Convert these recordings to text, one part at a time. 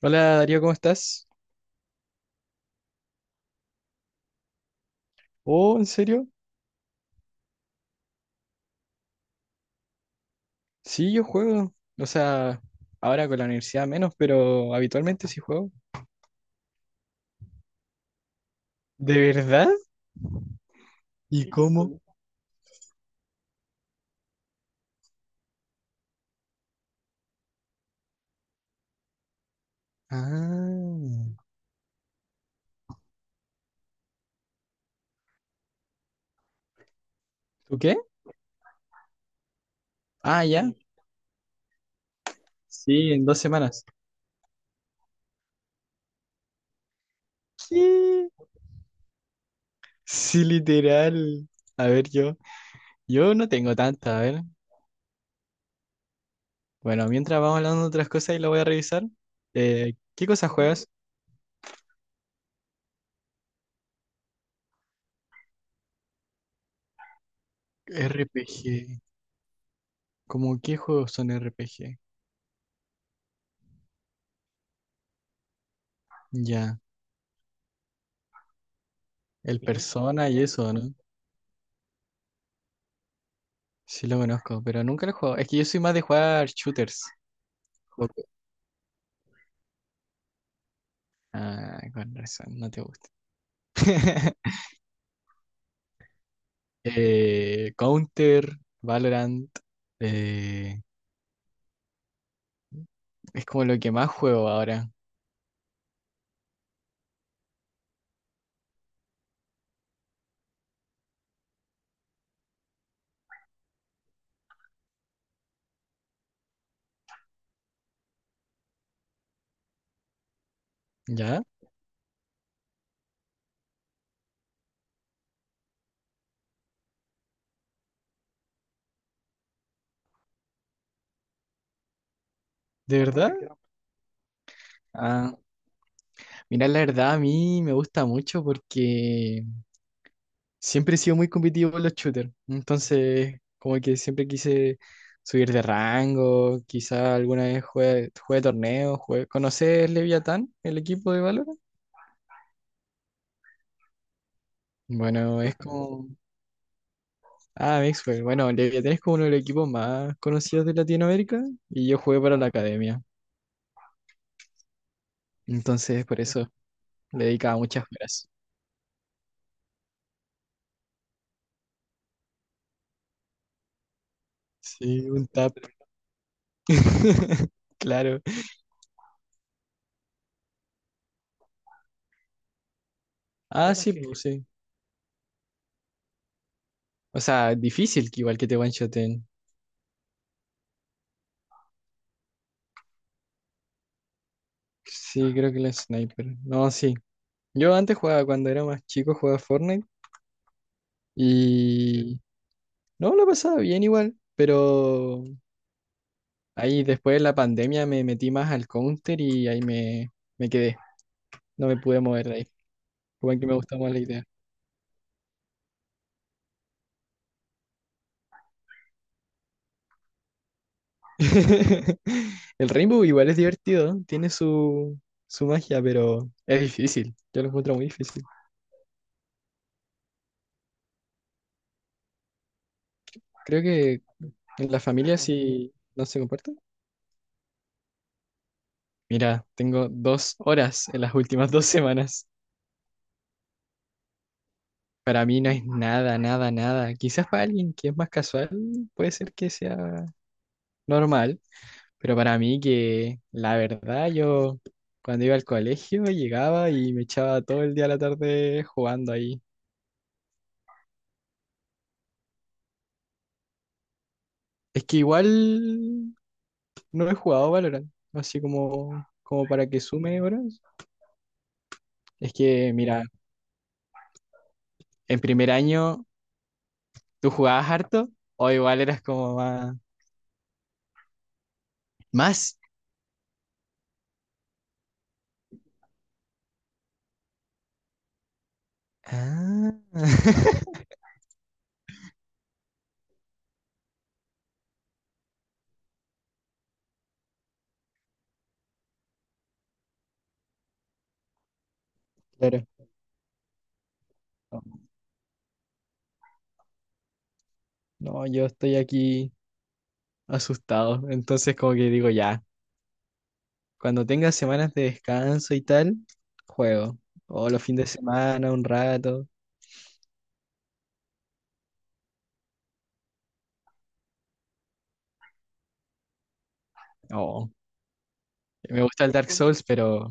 Hola Darío, ¿cómo estás? Oh, ¿en serio? Sí, yo juego. O sea, ahora con la universidad menos, pero habitualmente sí juego. ¿De verdad? ¿Y Sí, cómo? Tú. Ah, ¿tú qué? Ah, ya. Sí, en 2 semanas. ¿Qué? Sí, literal. A ver, yo. Yo no tengo tanta, a ver. Bueno, mientras vamos hablando de otras cosas y lo voy a revisar. ¿Qué cosas juegas? RPG. ¿Cómo qué juegos son RPG? Ya. El Persona y eso, ¿no? Sí lo conozco, pero nunca lo juego. Es que yo soy más de jugar shooters. Ok. Ah, con razón, no te gusta. Counter, Valorant. eh, es como lo que más juego ahora. ¿Ya? ¿De verdad? Ah, mira, la verdad a mí me gusta mucho porque siempre he sido muy competitivo con los shooters. Entonces, como que siempre quise subir de rango, quizá alguna vez juegue, juegue torneos, juegue... ¿Conoces Leviatán, el equipo de valor. Bueno, es como... Ah, Mixwell. Bueno, Leviatán es como uno de los equipos más conocidos de Latinoamérica y yo jugué para la academia. Entonces, por eso le dedicaba muchas horas. Sí, un tap. Claro. Ah, sí, pues sí. O sea, difícil que igual que te one-shoten. Sí, creo que la sniper. No, sí. Yo antes jugaba, cuando era más chico, jugaba Fortnite y... No, lo pasaba bien igual, pero ahí después de la pandemia me metí más al Counter y ahí me quedé. No me pude mover de ahí. Como que me gusta más la idea. El Rainbow igual es divertido, ¿no? Tiene su, su magia, pero es difícil. Yo lo encuentro muy difícil. Creo que en la familia sí no se comparte. Mira, tengo 2 horas en las últimas 2 semanas. Para mí no es nada, nada, nada. Quizás para alguien que es más casual puede ser que sea normal, pero para mí que la verdad yo cuando iba al colegio llegaba y me echaba todo el día a la tarde jugando ahí. Es que igual no he jugado Valorant, así como, como para que sume horas. Es que, mira, en primer año tú jugabas harto o igual eras como más... ¿Más? Ah. Claro. No, no, yo estoy aquí asustado, entonces como que digo ya, cuando tenga semanas de descanso y tal, juego. O los fines de semana, un rato. Oh, me gusta el Dark Souls, pero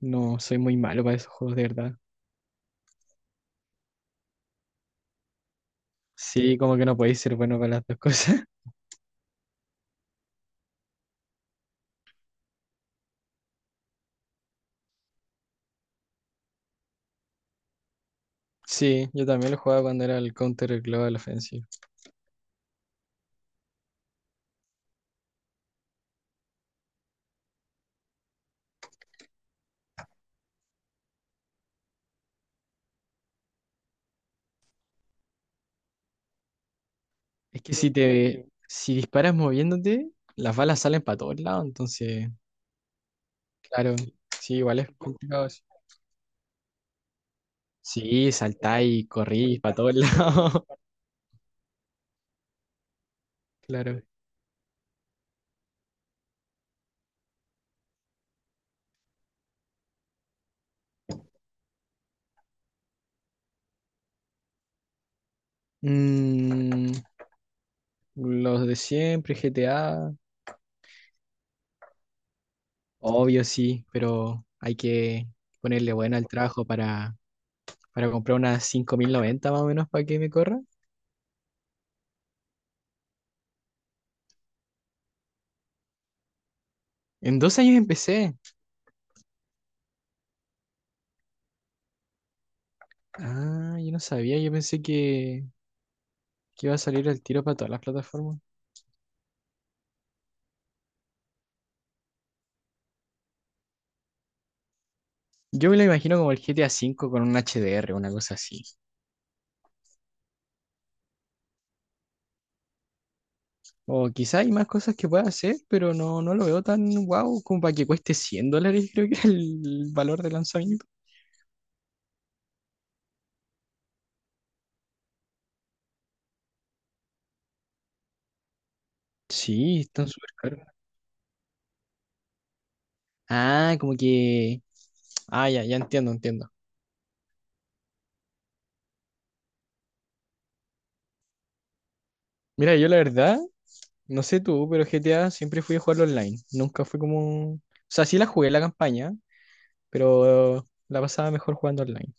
no soy muy malo para esos juegos de verdad. Sí, como que no podéis ser bueno con las dos cosas. Sí, yo también lo jugaba cuando era el Counter Global Offensive. Es que si disparas moviéndote, las balas salen para todos lados, entonces, claro, sí, igual es complicado eso. Sí, saltáis, corrís para todos lados, claro. Mm, los de siempre, GTA, obvio sí, pero hay que ponerle bueno al trabajo para comprar unas 5090 más o menos para que me corra. En 2 años empecé. Ah, yo no sabía, yo pensé que iba a salir el tiro para todas las plataformas. Yo me lo imagino como el GTA V con un HDR, una cosa así. O quizá hay más cosas que pueda hacer, pero no, no lo veo tan guau como para que cueste $100, creo que es el valor de lanzamiento. Sí, están súper caros. Ah, como que... Ah, ya, ya entiendo, entiendo. Mira, yo la verdad, no sé tú, pero GTA siempre fui a jugarlo online. Nunca fue como... O sea, sí la jugué la campaña, pero la pasaba mejor jugando online.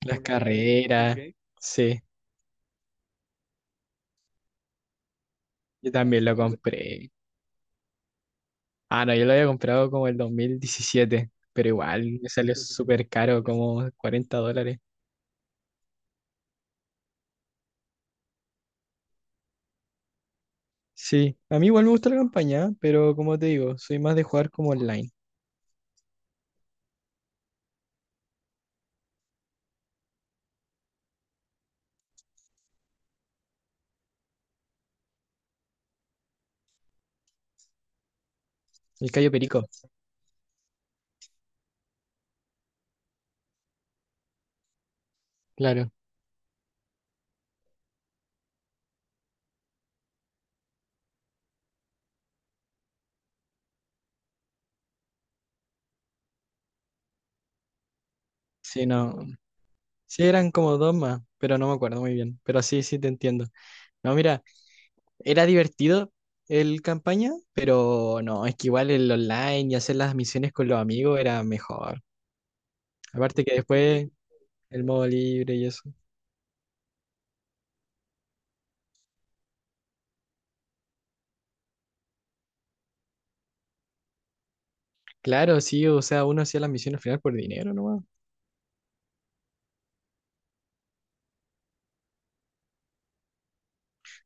Las por Navidad. Carreras, ok. Sí, yo también lo entonces, compré. Ah, no, yo lo había comprado como el 2017 pero igual me salió entonces, súper caro, como $40. Sí, a mí igual me gusta la campaña, pero como te digo, soy más de jugar como online. El Cayo Perico, claro. Sí, no. Sí, eran como dos más, pero no me acuerdo muy bien. Pero sí, sí te entiendo. No, mira, era divertido el campaña, pero no, es que igual el online y hacer las misiones con los amigos era mejor. Aparte que después el modo libre y eso. Claro, sí, o sea, uno hacía las misiones final por dinero nomás.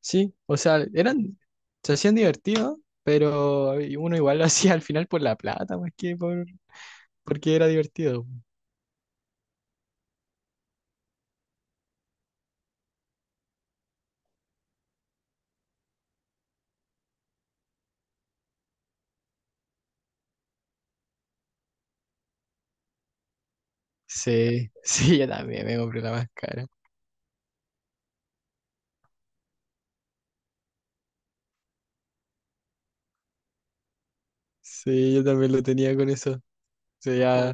Sí, o sea, eran, se hacían divertido pero uno igual lo hacía al final por la plata, más que porque era divertido. Sí, sí, yo también me compré la más cara. Sí, yo también lo tenía con eso. Se veía,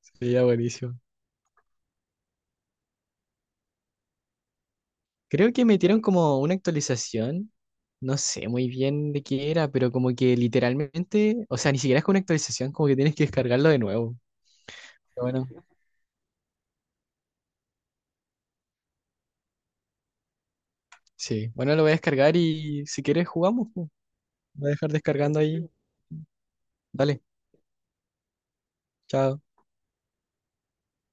se veía buenísimo. Creo que metieron como una actualización, no sé muy bien de qué era, pero como que literalmente, o sea, ni siquiera es con una actualización, como que tienes que descargarlo de nuevo. Pero bueno. Sí, bueno, lo voy a descargar y si quieres jugamos. Po. Voy a dejar descargando ahí. Dale, chao.